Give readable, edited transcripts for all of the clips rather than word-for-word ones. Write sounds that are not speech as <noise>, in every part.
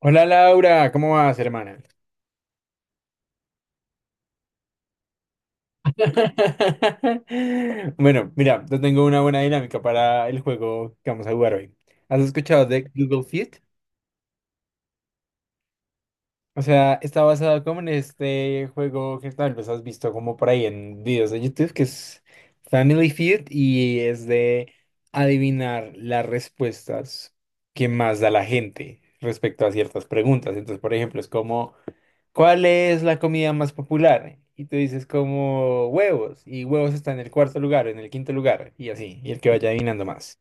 Hola Laura, ¿cómo vas, hermana? <laughs> Bueno, mira, yo tengo una buena dinámica para el juego que vamos a jugar hoy. ¿Has escuchado de Google Fit? O sea, está basado como en este juego que tal vez has visto como por ahí en videos de YouTube, que es Family Feud y es de adivinar las respuestas que más da la gente respecto a ciertas preguntas. Entonces, por ejemplo, es como ¿cuál es la comida más popular? Y tú dices como huevos, y huevos está en el cuarto lugar, en el quinto lugar, y así, y el que vaya adivinando más.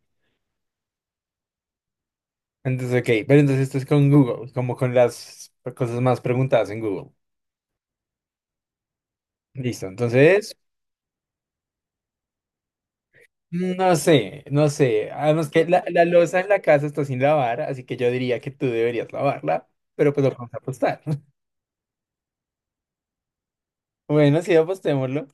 Entonces, ok, pero entonces esto es con Google, como con las cosas más preguntadas en Google. Listo, entonces, no sé, no sé. Además que la loza en la casa está sin lavar, así que yo diría que tú deberías lavarla, pero pues lo vamos a apostar. <laughs> Bueno, sí, apostémoslo.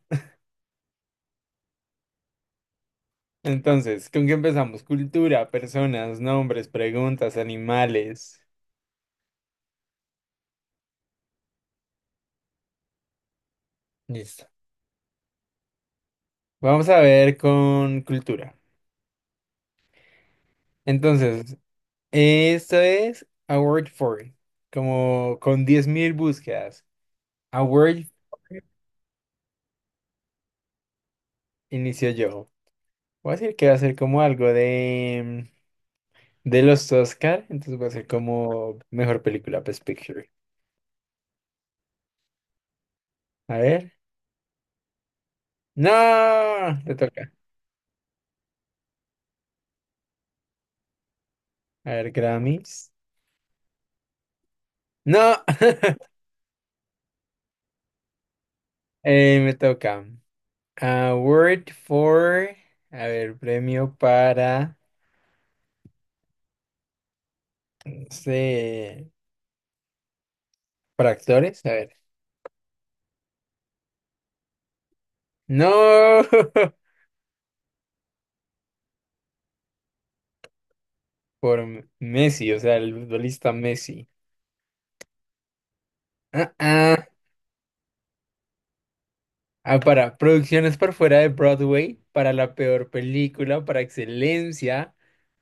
Entonces, ¿con qué empezamos? Cultura, personas, nombres, preguntas, animales. Listo. Vamos a ver con cultura. Entonces, esto es A Word For It, como con 10.000 búsquedas. A Word for It, inicio yo. Voy a decir que va a ser como algo de los Oscar, entonces va a ser como mejor película, Best Picture. A ver. No, te toca. A ver, Grammys. No. <laughs> Me toca. Award for, a ver, premio para, no sé. ¿Por actores? A ver. No. <laughs> Por Messi, o sea, el futbolista Messi. Ah, ah. Ah, para producciones por fuera de Broadway, para la peor película, para excelencia,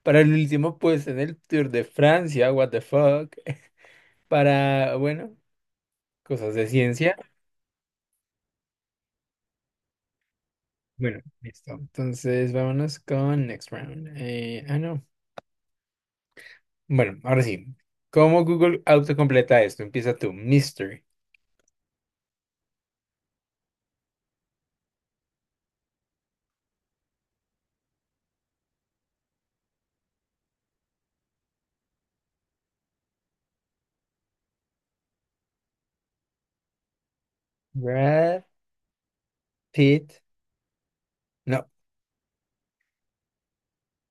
para el último puesto en el Tour de Francia, what the fuck, <laughs> para, bueno, cosas de ciencia. Bueno, listo. Entonces, vámonos con next round. No. Bueno, ahora sí. ¿Cómo Google autocompleta esto? Empieza tú, Mr. Brad Pitt. No.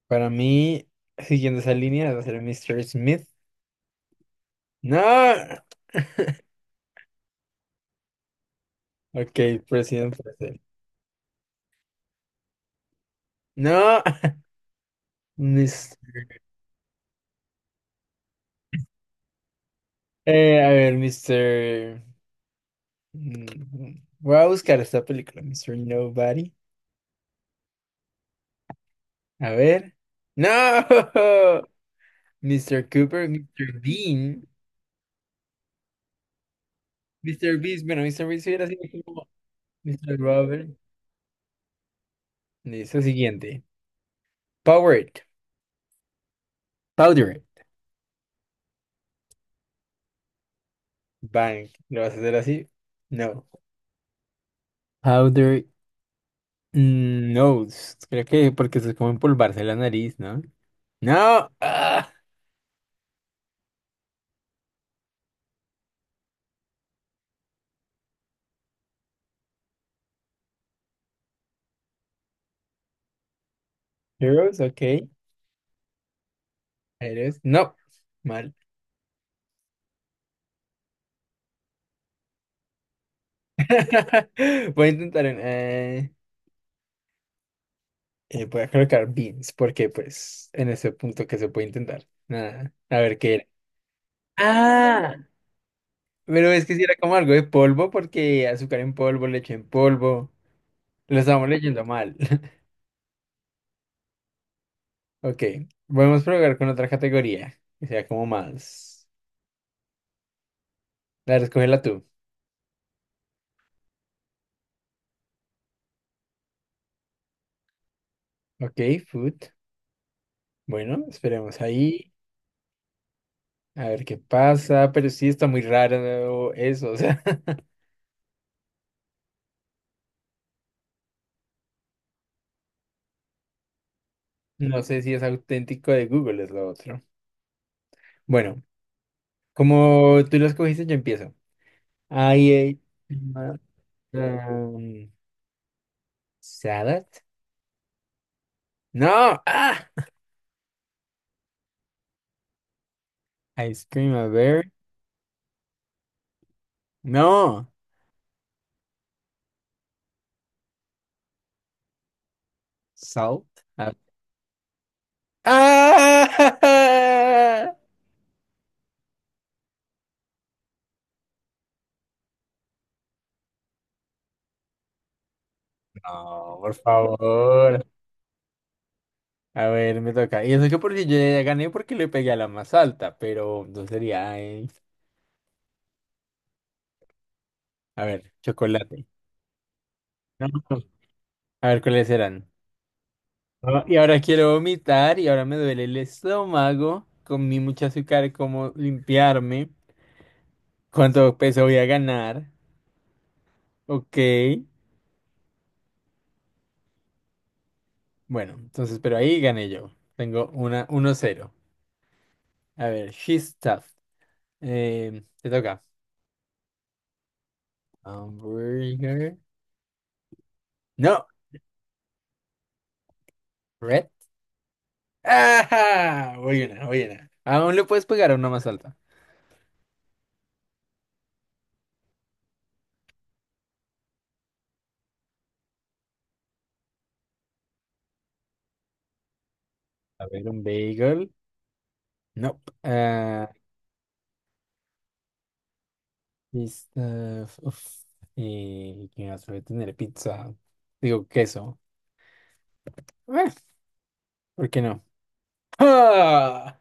Para mí, siguiendo esa línea, va a ser Mr. Smith. No. <laughs> Ok, presidente. Presidente. No. <laughs> Mis- a ver, Mr. Voy a buscar esta película, Mr. Nobody. A ver. No. <laughs> Mr. Cooper, Mr. Bean. Mr. Beast, bueno, Mr. Beast hubiera sido como Mr. Robert. Listo, siguiente. Powered. Powder. Bank. ¿Lo vas a hacer así? No. Powder. No, creo que porque se es como empolvarse la nariz, ¿no? No, Heroes, ok. Heroes, no, mal. <laughs> Voy a intentar, voy a colocar beans, porque pues en ese punto que se puede intentar. Nada, a ver qué era. Ah, pero es que si era como algo de polvo, porque azúcar en polvo, leche en polvo. Lo estamos leyendo mal. <laughs> Ok, podemos probar con otra categoría, que sea como más. La escógela tú. Ok, food. Bueno, esperemos ahí, a ver qué pasa, pero sí está muy raro eso, o sea. <laughs> No sé si es auténtico de Google, es lo otro. Bueno, como tú lo escogiste, yo empiezo. I ate, um, salad. No, ice cream, a ver, no, salt. a- ¡Ah! <laughs> No, por favor. A ver, me toca. Y eso que porque yo ya gané porque le pegué a la más alta, pero no sería. A ver, chocolate. No, no. A ver cuáles eran. Ah, y ahora quiero vomitar y ahora me duele el estómago. Comí mucho azúcar, ¿cómo limpiarme? ¿Cuánto peso voy a ganar? Ok. Bueno, entonces, pero ahí gané yo. Tengo una 1-0. A ver, she's tough. Te toca. Hamburger. No, red. ¡Ah! Voy una, voy una. Aún le puedes pegar a una más alta. A ver, un bagel. No. Pista, uf, y que suele tener pizza. Digo, queso. Eh, ¿Por qué no? ¡Ah!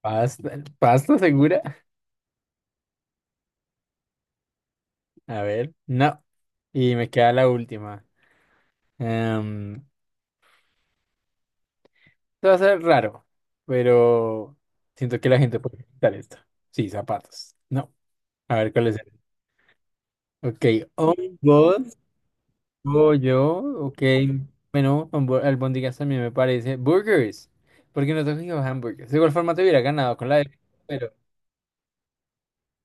¿Pasta? ¿Pasta segura? A ver, no. Y me queda la última. Em, esto va a ser raro, pero siento que la gente puede pintar esto. Sí, zapatos. No. A ver, ¿cuál es? Ok, hongos. Oh, yo, ok. Bueno, albóndigas también me parece. Burgers. Porque no tengo hamburgers. De igual forma te hubiera ganado con la de, pero,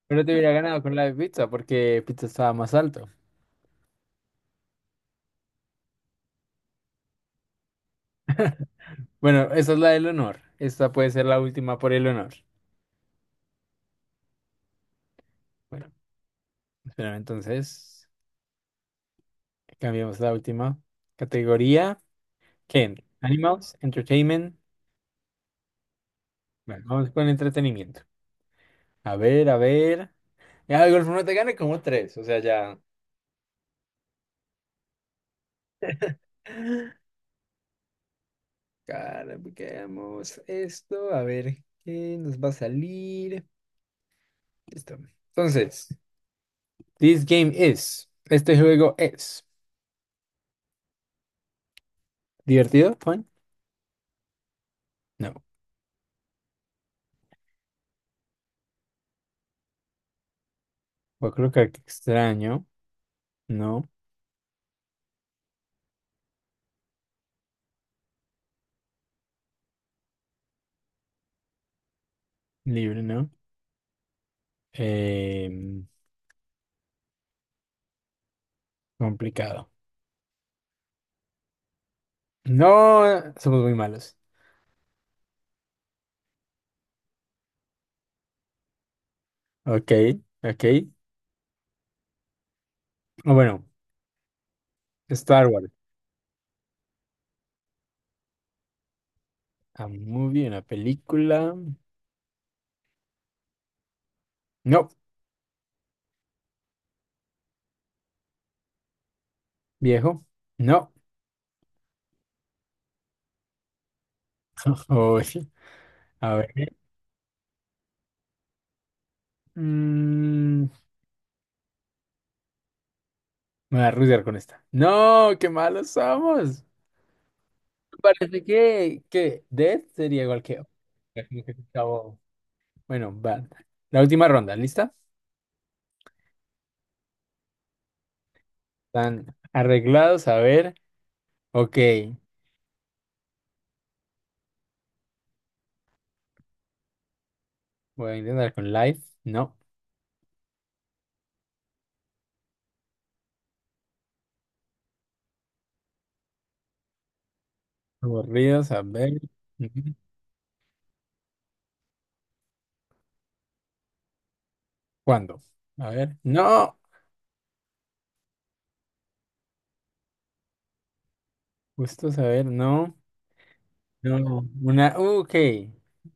pero te hubiera ganado con la de pizza porque pizza estaba más alto. Bueno, esa es la del honor. Esta puede ser la última por el honor. Bueno, espera, entonces cambiamos la última categoría. ¿Qué? Animals, entertainment. Bueno, vamos con entretenimiento. A ver, a ver. Ya, de igual forma te gané como tres. O sea, ya. Caramba, esto. A ver, ¿qué nos va a salir? Listo. Entonces, this game is. Este juego es. ¿Divertido, fun? No. Yo creo que aquí extraño. No. Libre, no. Em, complicado. No, somos muy malos. Ok, ok. O bueno, Star Wars. A movie, una película. No. Viejo. No. <laughs> Uy, a ver. Mm, Me voy a rudear con esta. No, qué malos somos. Parece que Death sería igual que... Como que se acabó. Bueno, va. La última ronda, ¿lista? Están arreglados, a ver. Ok. Voy a intentar con live. No. Aburridos, a ver. Ujú. ¿Cuándo? A ver. No. Justo a ver, no. No. Una. Ok.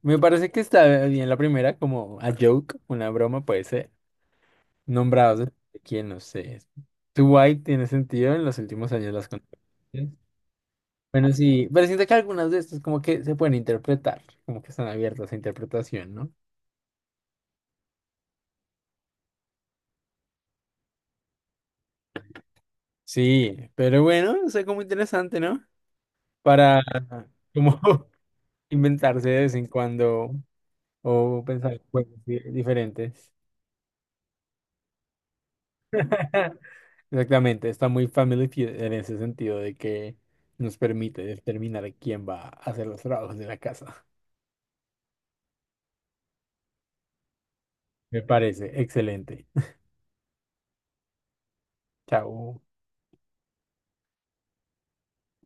Me parece que está bien la primera, como a joke, una broma, puede ser. Nombrados ¿eh? De quién, no sé. Too Dwight tiene sentido en los últimos años las controversias. Bueno, sí, pero siento que algunas de estas como que se pueden interpretar, como que están abiertas a interpretación, ¿no? Sí, pero bueno, o sea como interesante, ¿no? Para como <laughs> inventarse de vez en cuando o pensar juegos diferentes. <laughs> Exactamente, está muy Family Feud en ese sentido de que nos permite determinar quién va a hacer los trabajos de la casa. Me parece excelente. Chao.